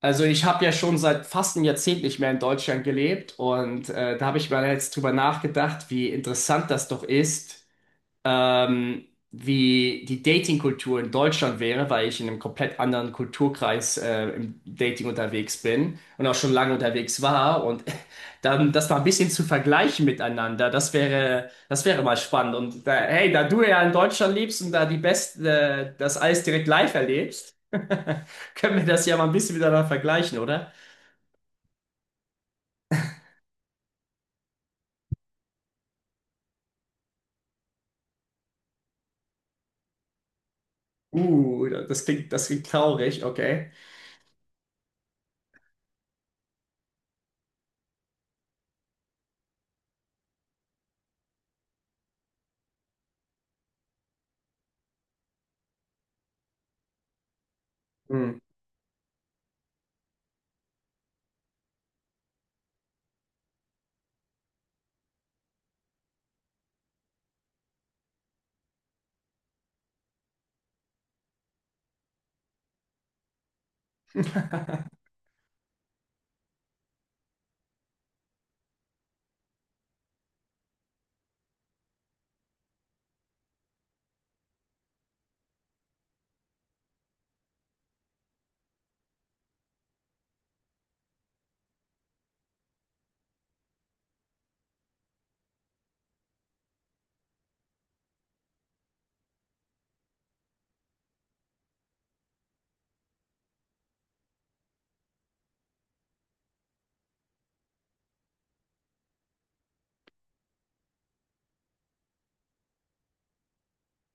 Also ich habe ja schon seit fast einem Jahrzehnt nicht mehr in Deutschland gelebt, und da habe ich mal jetzt drüber nachgedacht, wie interessant das doch ist, ähm, wie die Dating-Kultur in Deutschland wäre, weil ich in einem komplett anderen Kulturkreis im Dating unterwegs bin und auch schon lange unterwegs war. Und dann das mal ein bisschen zu vergleichen miteinander, das wäre mal spannend. Und da, hey, da du ja in Deutschland lebst und da das alles direkt live erlebst, können wir das ja mal ein bisschen miteinander vergleichen, oder? Das klingt traurig, okay. Hm.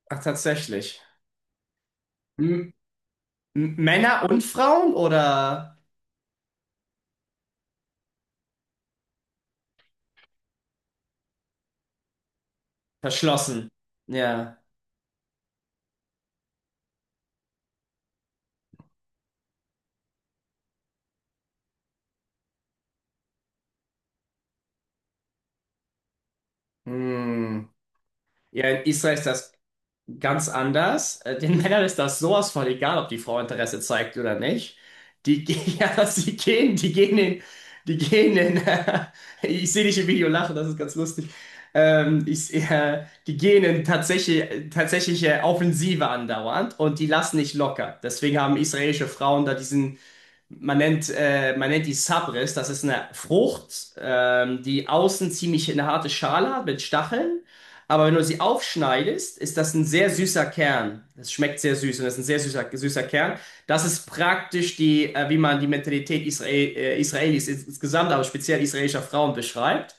Ach, tatsächlich. Hm. Männer und Frauen oder verschlossen? Ja. Hm. Ja, in Israel ist das ganz anders. Den Männern ist das sowas von egal, ob die Frau Interesse zeigt oder nicht. Ja, sie gehen, die gehen in, ich sehe dich im Video lachen, das ist ganz lustig. Die gehen in tatsächliche Offensive andauernd und die lassen nicht locker. Deswegen haben israelische Frauen da diesen. Man nennt die Sabris, das ist eine Frucht, die außen ziemlich eine harte Schale hat mit Stacheln. Aber wenn du sie aufschneidest, ist das ein sehr süßer Kern. Das schmeckt sehr süß, und das ist ein sehr süßer, süßer Kern. Das ist praktisch die, wie man die Mentalität Israelis insgesamt, aber speziell israelischer Frauen beschreibt.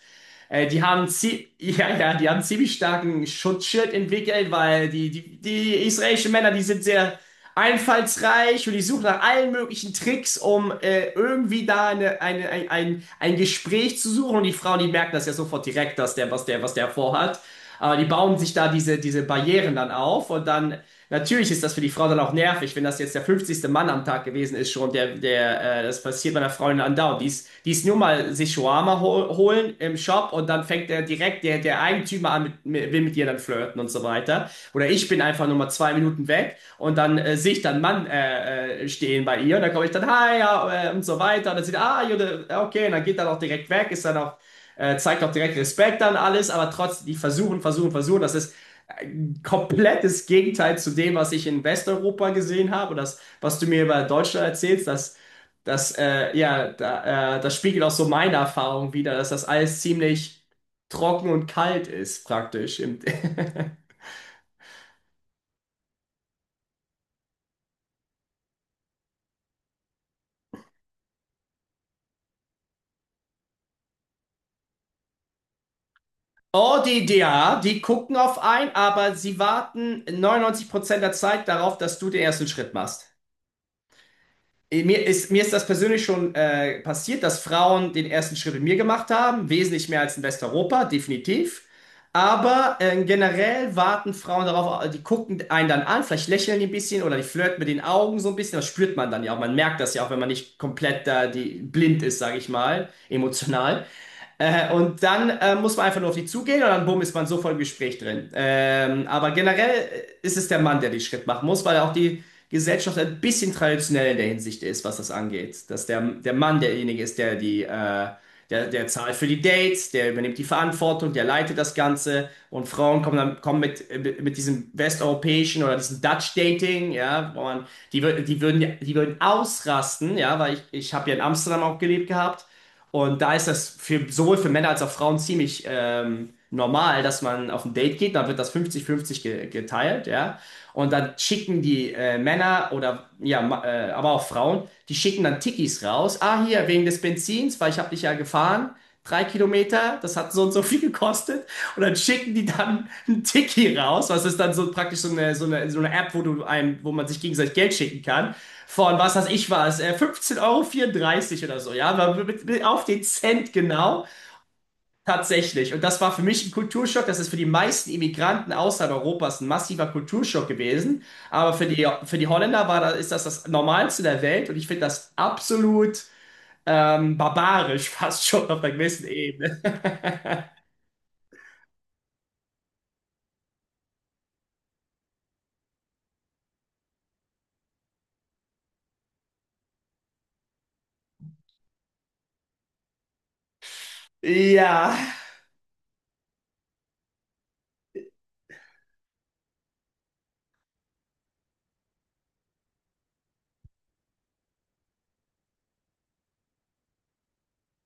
Die haben zie ja, ja, die haben ziemlich starken Schutzschild entwickelt, weil die israelischen Männer, die sind sehr einfallsreich, und die suchen nach allen möglichen Tricks, um irgendwie da ein Gespräch zu suchen. Und die Frauen, die merken das ja sofort direkt, was der vorhat. Aber die bauen sich da diese Barrieren dann auf, und dann, natürlich ist das für die Frau dann auch nervig, wenn das jetzt der 50. Mann am Tag gewesen ist schon, das passiert meiner Freundin andauernd. Die ist nur mal sich Shawarma holen im Shop, und dann fängt er direkt, der Eigentümer, an, will mit ihr dann flirten und so weiter. Oder ich bin einfach nur mal 2 Minuten weg, und dann sehe ich dann Mann stehen bei ihr, und dann komme ich dann, hi, ja, und so weiter. Und dann sieht, ah, Jude, okay, und dann geht er auch direkt weg, ist dann auch zeigt auch direkt Respekt an alles, aber trotzdem, die versuchen, versuchen, versuchen. Das ist ein komplettes Gegenteil zu dem, was ich in Westeuropa gesehen habe, das, was du mir über Deutschland erzählst, ja, das spiegelt auch so meine Erfahrung wider, dass das alles ziemlich trocken und kalt ist, praktisch. Im Oh, die da, die gucken auf einen, aber sie warten 99% der Zeit darauf, dass du den ersten Schritt machst. Mir ist das persönlich schon passiert, dass Frauen den ersten Schritt mit mir gemacht haben, wesentlich mehr als in Westeuropa, definitiv. Aber generell warten Frauen darauf, die gucken einen dann an, vielleicht lächeln die ein bisschen oder die flirten mit den Augen so ein bisschen. Das spürt man dann ja auch. Man merkt das ja auch, wenn man nicht komplett blind ist, sage ich mal, emotional. Und dann muss man einfach nur auf die zugehen, und dann bumm, ist man sofort im Gespräch drin. Aber generell ist es der Mann, der den Schritt machen muss, weil auch die Gesellschaft ein bisschen traditionell in der Hinsicht ist, was das angeht. Dass der Mann derjenige ist, der zahlt für die Dates, der übernimmt die Verantwortung, der leitet das Ganze, und Frauen kommen dann kommen mit diesem westeuropäischen oder diesem Dutch Dating, ja, wo man, die würden ausrasten, ja, weil ich habe ja in Amsterdam auch gelebt gehabt. Und da ist das sowohl für Männer als auch Frauen ziemlich normal, dass man auf ein Date geht, dann wird das 50-50 ge geteilt, ja. Und dann schicken die Männer oder ja, aber auch Frauen, die schicken dann Tikis raus. Ah, hier, wegen des Benzins, weil ich habe dich ja gefahren. 3 Kilometer, das hat so und so viel gekostet. Und dann schicken die dann einen Tiki raus. Was ist dann so praktisch so eine App, wo man sich gegenseitig Geld schicken kann. Von was weiß ich was, 15,34 Euro vierunddreißig oder so, ja, aber auf den Cent genau. Tatsächlich. Und das war für mich ein Kulturschock. Das ist für die meisten Immigranten außerhalb Europas ein massiver Kulturschock gewesen. Aber für die Holländer ist das das Normalste der Welt. Und ich finde das absolut barbarisch, fast schon auf einer gewissen Ebene. Ja.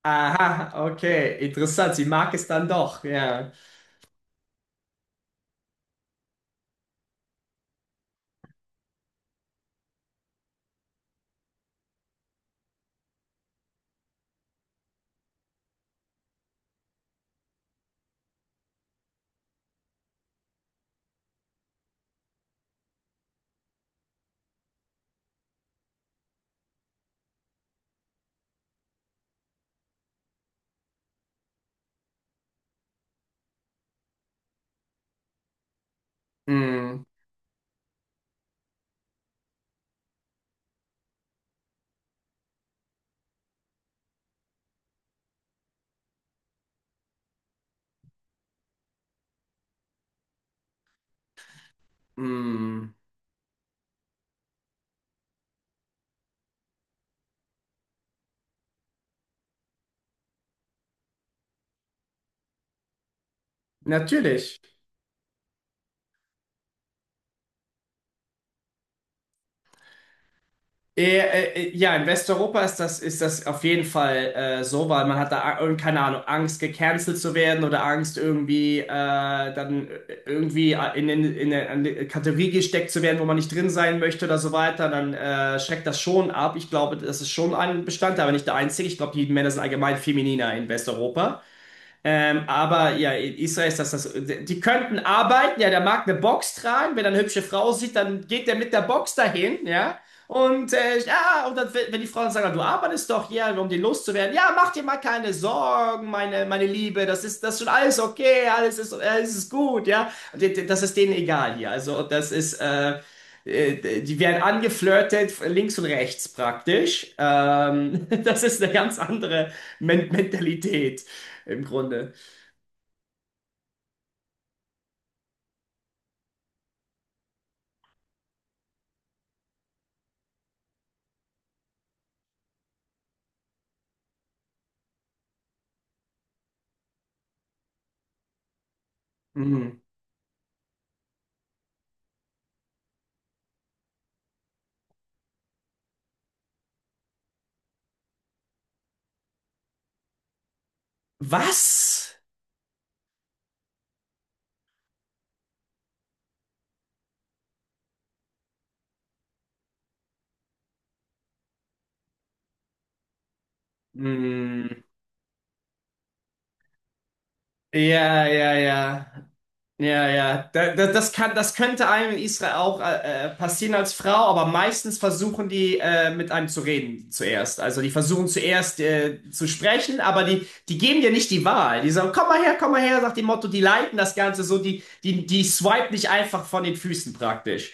Aha, okay. Interessant. Sie mag es dann doch. Ja. Mm, mm. Natürlich. Ja, in Westeuropa ist das auf jeden Fall so, weil man hat da, keine Ahnung, Angst, gecancelt zu werden, oder Angst, irgendwie dann irgendwie in eine Kategorie gesteckt zu werden, wo man nicht drin sein möchte oder so weiter, dann schreckt das schon ab. Ich glaube, das ist schon ein Bestandteil, aber nicht der einzige. Ich glaube, die Männer sind allgemein femininer in Westeuropa. Aber ja, in Israel ist das. Die könnten arbeiten, ja, der mag eine Box tragen, wenn er eine hübsche Frau sieht, dann geht der mit der Box dahin, ja. Und ja, und dann, wenn die Frauen sagen, du arbeitest doch hier, um die loszuwerden, ja, mach dir mal keine Sorgen, meine Liebe, das ist schon alles okay, alles ist gut, ja. Das ist denen egal hier. Also, die werden angeflirtet, links und rechts praktisch. Das ist eine ganz andere Mentalität im Grunde. Mhm. Was? Mhm. Ja, ja, ja. Ja, ja. Das könnte einem in Israel auch passieren als Frau, aber meistens versuchen die mit einem zu reden zuerst. Also die versuchen zuerst zu sprechen, aber die geben dir nicht die Wahl. Die sagen, komm mal her, sagt dem Motto, die leiten das Ganze so, die swipen dich einfach von den Füßen praktisch.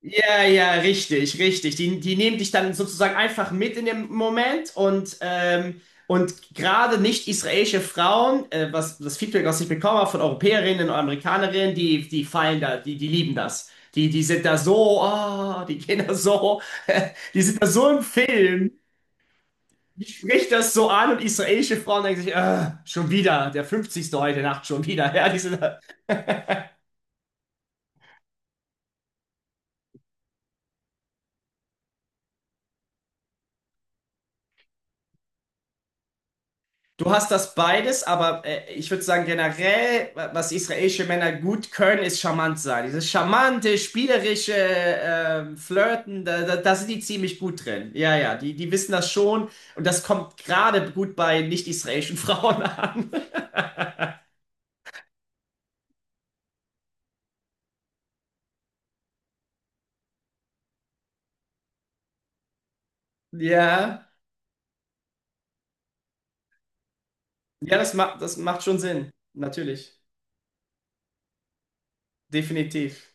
Ja, ja, richtig, richtig. Die nehmen dich dann sozusagen einfach mit in dem Moment, und gerade nicht israelische Frauen, was das Feedback, was ich bekommen habe von Europäerinnen und Amerikanerinnen, die fallen da, die lieben das. Die sind da so, ah, die gehen da so, die sind da so im Film. Ich spricht das so an, und israelische Frauen denken sich, ah, schon wieder, der 50. heute Nacht schon wieder. Ja, die sind, du hast das beides, aber ich würde sagen, generell, was israelische Männer gut können, ist charmant sein. Dieses charmante, spielerische Flirten, da sind die ziemlich gut drin. Ja, ja, die wissen das schon, und das kommt gerade gut bei nicht-israelischen Frauen an. Ja, ja, das macht schon Sinn. Natürlich. Definitiv.